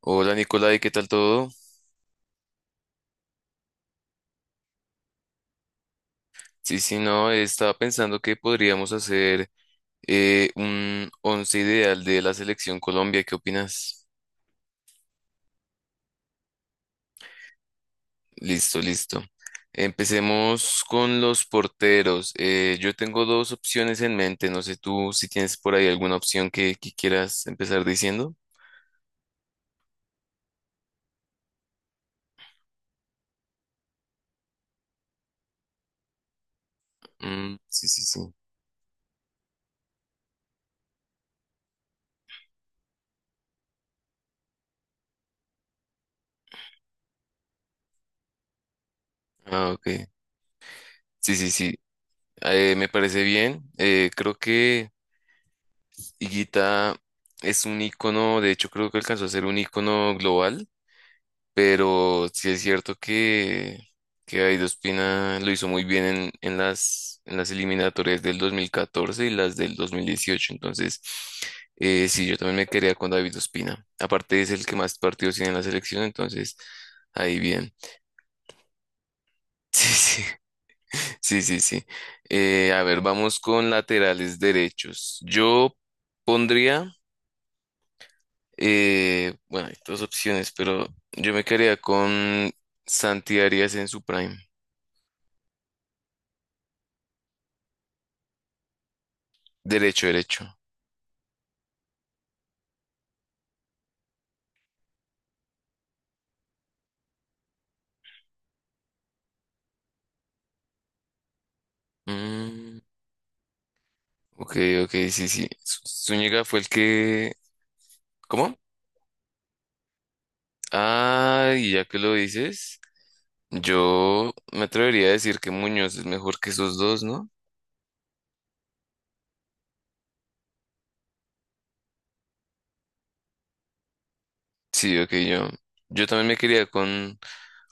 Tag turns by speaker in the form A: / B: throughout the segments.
A: Hola Nicolai, ¿qué tal todo? Sí, sí, no, estaba pensando que podríamos hacer un once ideal de la selección Colombia. ¿Qué opinas? Listo, listo. Empecemos con los porteros. Yo tengo dos opciones en mente. No sé tú si tienes por ahí alguna opción que quieras empezar diciendo. Mm, sí, sí, sí. Ah, ok. Sí, sí, sí. Me parece bien. Creo que Higuita es un icono. De hecho, creo que alcanzó a ser un icono global. Pero sí es cierto que Guaidó Espina lo hizo muy bien en las eliminatorias del 2014 y las del 2018. Entonces, sí, yo también me quería con David Ospina. Aparte es el que más partidos tiene en la selección, entonces ahí bien. Sí, sí, sí, sí, sí. A ver, vamos con laterales derechos. Yo pondría, bueno, hay dos opciones, pero yo me quedaría con Santi Arias en su prime. Derecho, derecho. Mm, ok, ok, sí, sí. Zúñiga fue el que... ¿Cómo? Ah, y ya que lo dices, yo me atrevería a decir que Muñoz es mejor que esos dos, ¿no? Sí, ok, yo también me quería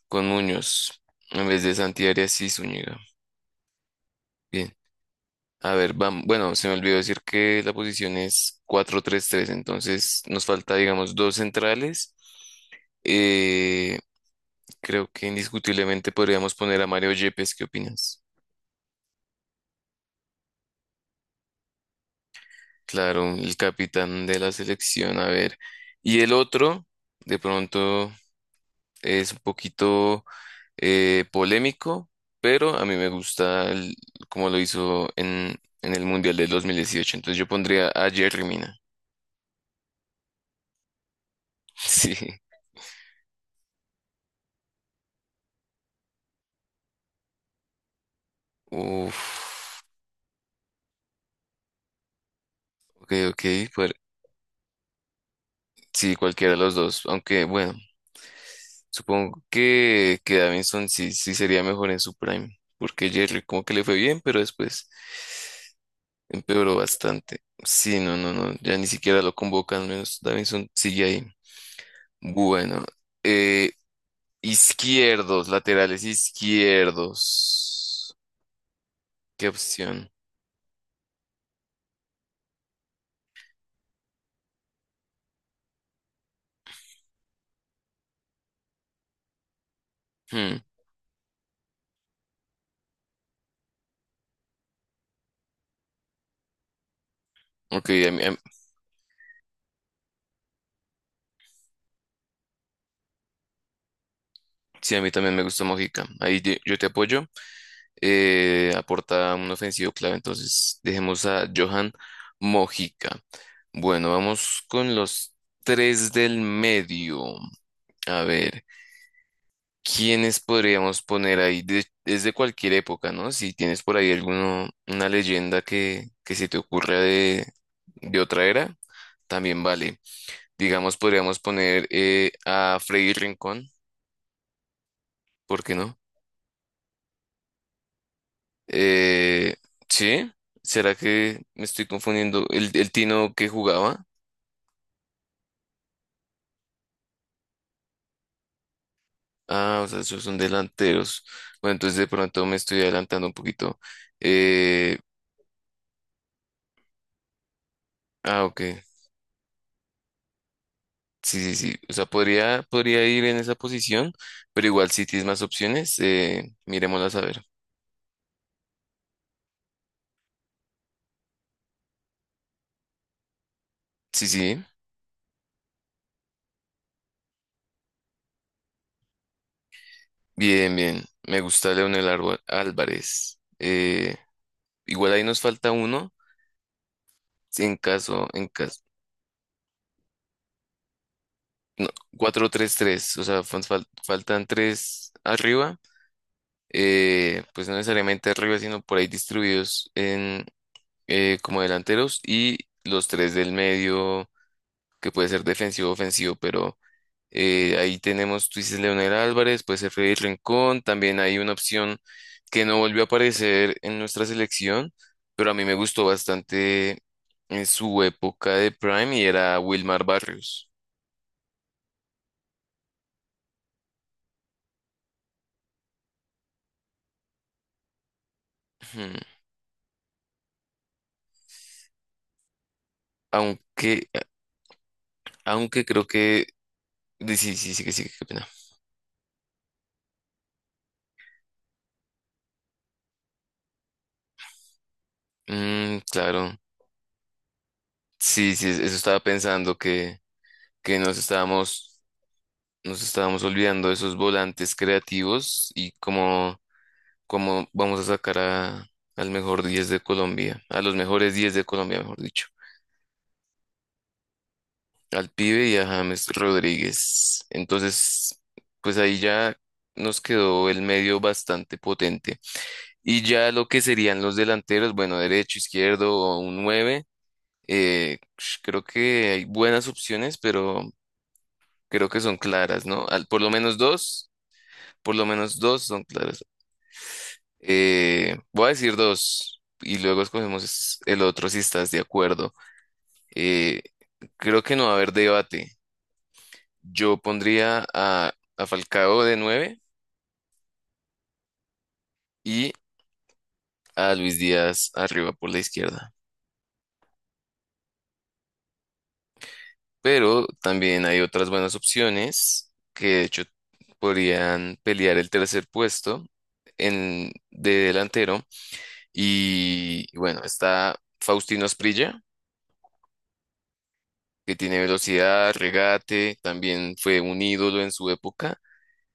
A: con Muñoz en vez de Santi Arias y Zúñiga. Bien, a ver, vamos. Bueno, se me olvidó decir que la posición es cuatro tres tres, entonces nos falta, digamos, dos centrales. Eh, Creo que indiscutiblemente podríamos poner a Mario Yepes, ¿qué opinas? Claro, el capitán de la selección, a ver. Y el otro, de pronto, es un poquito polémico, pero a mí me gusta como lo hizo en el Mundial del 2018. Entonces yo pondría a Jerry Mina. Sí. Uf. Ok, ok. Pues, sí, cualquiera de los dos. Aunque, bueno. Supongo que Davinson sí, sí sería mejor en su prime, porque Jerry como que le fue bien, pero después empeoró bastante. Sí, no, no, no, ya ni siquiera lo convocan, menos Davinson sigue ahí. Bueno, eh, izquierdos, laterales izquierdos. ¿Qué opción? Hmm, ok, a mí, a sí, a mí también me gusta Mojica. Ahí yo te apoyo. Aporta un ofensivo clave, entonces dejemos a Johan Mojica. Bueno, vamos con los tres del medio. A ver, ¿quiénes podríamos poner ahí desde cualquier época, ¿no? Si tienes por ahí alguno, una leyenda que se te ocurra de otra era, también vale. Digamos, podríamos poner a Freddy Rincón, ¿por qué no? Eh, ¿Sí? ¿Será que me estoy confundiendo? ¿El Tino que jugaba? Ah, o sea, esos son delanteros. Bueno, entonces de pronto me estoy adelantando un poquito. Eh, ah, ok. Sí, sí, sí. O sea, podría ir en esa posición, pero igual si tienes más opciones, miremoslas a ver. Sí, sí. Bien, bien. Me gusta Álvarez. Igual ahí nos falta uno. En caso, en caso. Cuatro tres tres, o sea, faltan tres arriba, pues no necesariamente arriba, sino por ahí distribuidos en como delanteros y los tres del medio, que puede ser defensivo o ofensivo, pero ahí tenemos, tú dices Leonel Álvarez, puede ser Freddy Rincón, también hay una opción que no volvió a aparecer en nuestra selección, pero a mí me gustó bastante en su época de Prime y era Wilmar Barrios. Ujú. Aunque, aunque creo que... Sí, sí, sí, sí, que sí, qué pena. Mm, claro. Sí, sí, eso estaba pensando que nos estábamos olvidando de esos volantes creativos y cómo, cómo vamos a sacar a, al mejor 10 de Colombia, a los mejores 10 de Colombia, mejor dicho, al pibe y a James Rodríguez. Entonces, pues ahí ya nos quedó el medio bastante potente. Y ya lo que serían los delanteros, bueno, derecho, izquierdo o un nueve. Creo que hay buenas opciones, pero creo que son claras, ¿no? Por lo menos dos, por lo menos dos son claras. Voy a decir dos y luego escogemos el otro si estás de acuerdo. Eh, Creo que no va a haber debate. Yo pondría a Falcao de nueve y a Luis Díaz arriba por la izquierda. Pero también hay otras buenas opciones que de hecho podrían pelear el tercer puesto en, de delantero. Y bueno, está Faustino Asprilla, que tiene velocidad, regate, también fue un ídolo en su época.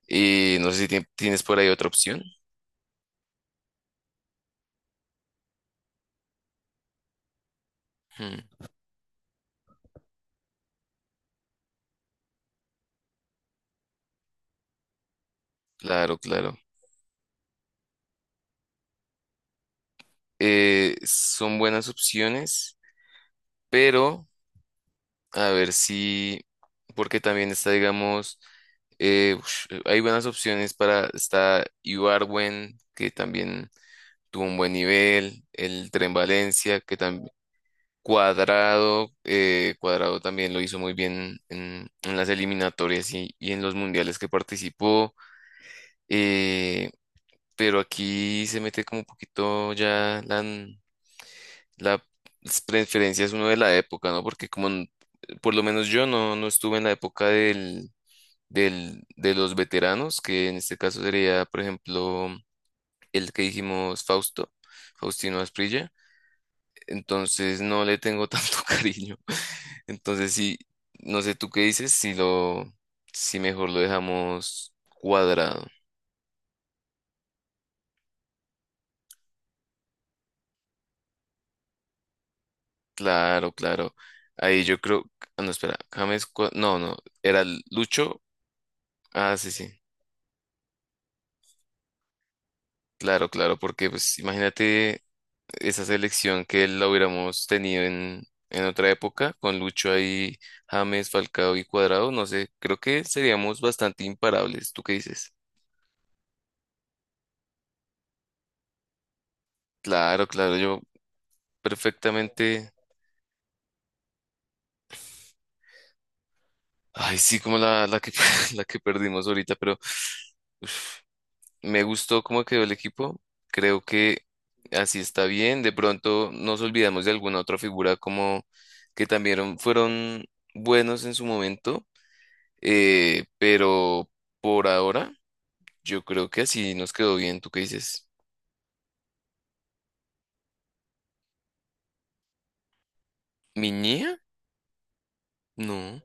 A: Y no sé si tienes por ahí otra opción. Hmm, claro, claro. Son buenas opciones, pero... A ver si, porque también está, digamos, hay buenas opciones para, está Ibarwen, que también tuvo un buen nivel, el Tren Valencia, que también, Cuadrado, Cuadrado también lo hizo muy bien en las eliminatorias y en los mundiales que participó, eh, pero aquí se mete como un poquito ya la preferencia es uno de la época, ¿no? Porque como por lo menos yo no, no estuve en la época de los veteranos, que en este caso sería, por ejemplo, el que dijimos Fausto, Faustino Asprilla. Entonces no le tengo tanto cariño. Entonces sí, no sé tú qué dices, si lo, si mejor lo dejamos cuadrado. Claro, claro. Ahí yo creo, ah, no, espera, James, no, no, era Lucho. Ah, sí, sí. Claro, claro, porque pues imagínate esa selección que la hubiéramos tenido en otra época, con Lucho ahí, James, Falcao y Cuadrado, no sé, creo que seríamos bastante imparables, ¿tú qué dices? Claro, claro, yo perfectamente, ay sí, como la que, la que perdimos ahorita, pero me gustó cómo quedó el equipo, creo que así está bien, de pronto nos olvidamos de alguna otra figura como que también fueron buenos en su momento. Pero por ahora, yo creo que así nos quedó bien. ¿Tú qué dices? ¿Miñía? No,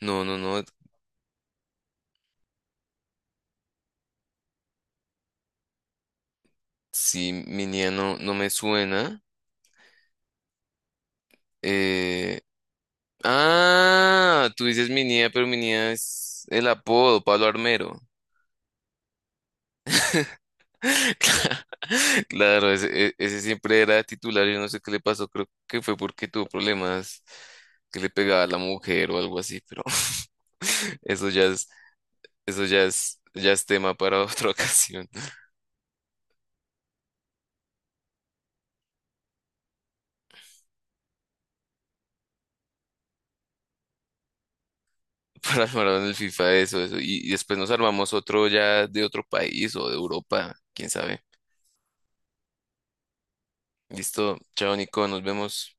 A: no, no, no. Sí, Miñía no, no me suena. Eh, ah, tú dices Miñía, pero Miñía es el apodo, Pablo Armero. Claro, ese, ese siempre era titular. Yo no sé qué le pasó. Creo que fue porque tuvo problemas que le pegaba a la mujer o algo así, pero eso ya es, eso ya es tema para otra ocasión. Para armar en el FIFA, eso, eso. Y después nos armamos otro ya de otro país o de Europa, quién sabe. Listo, chao Nico, nos vemos.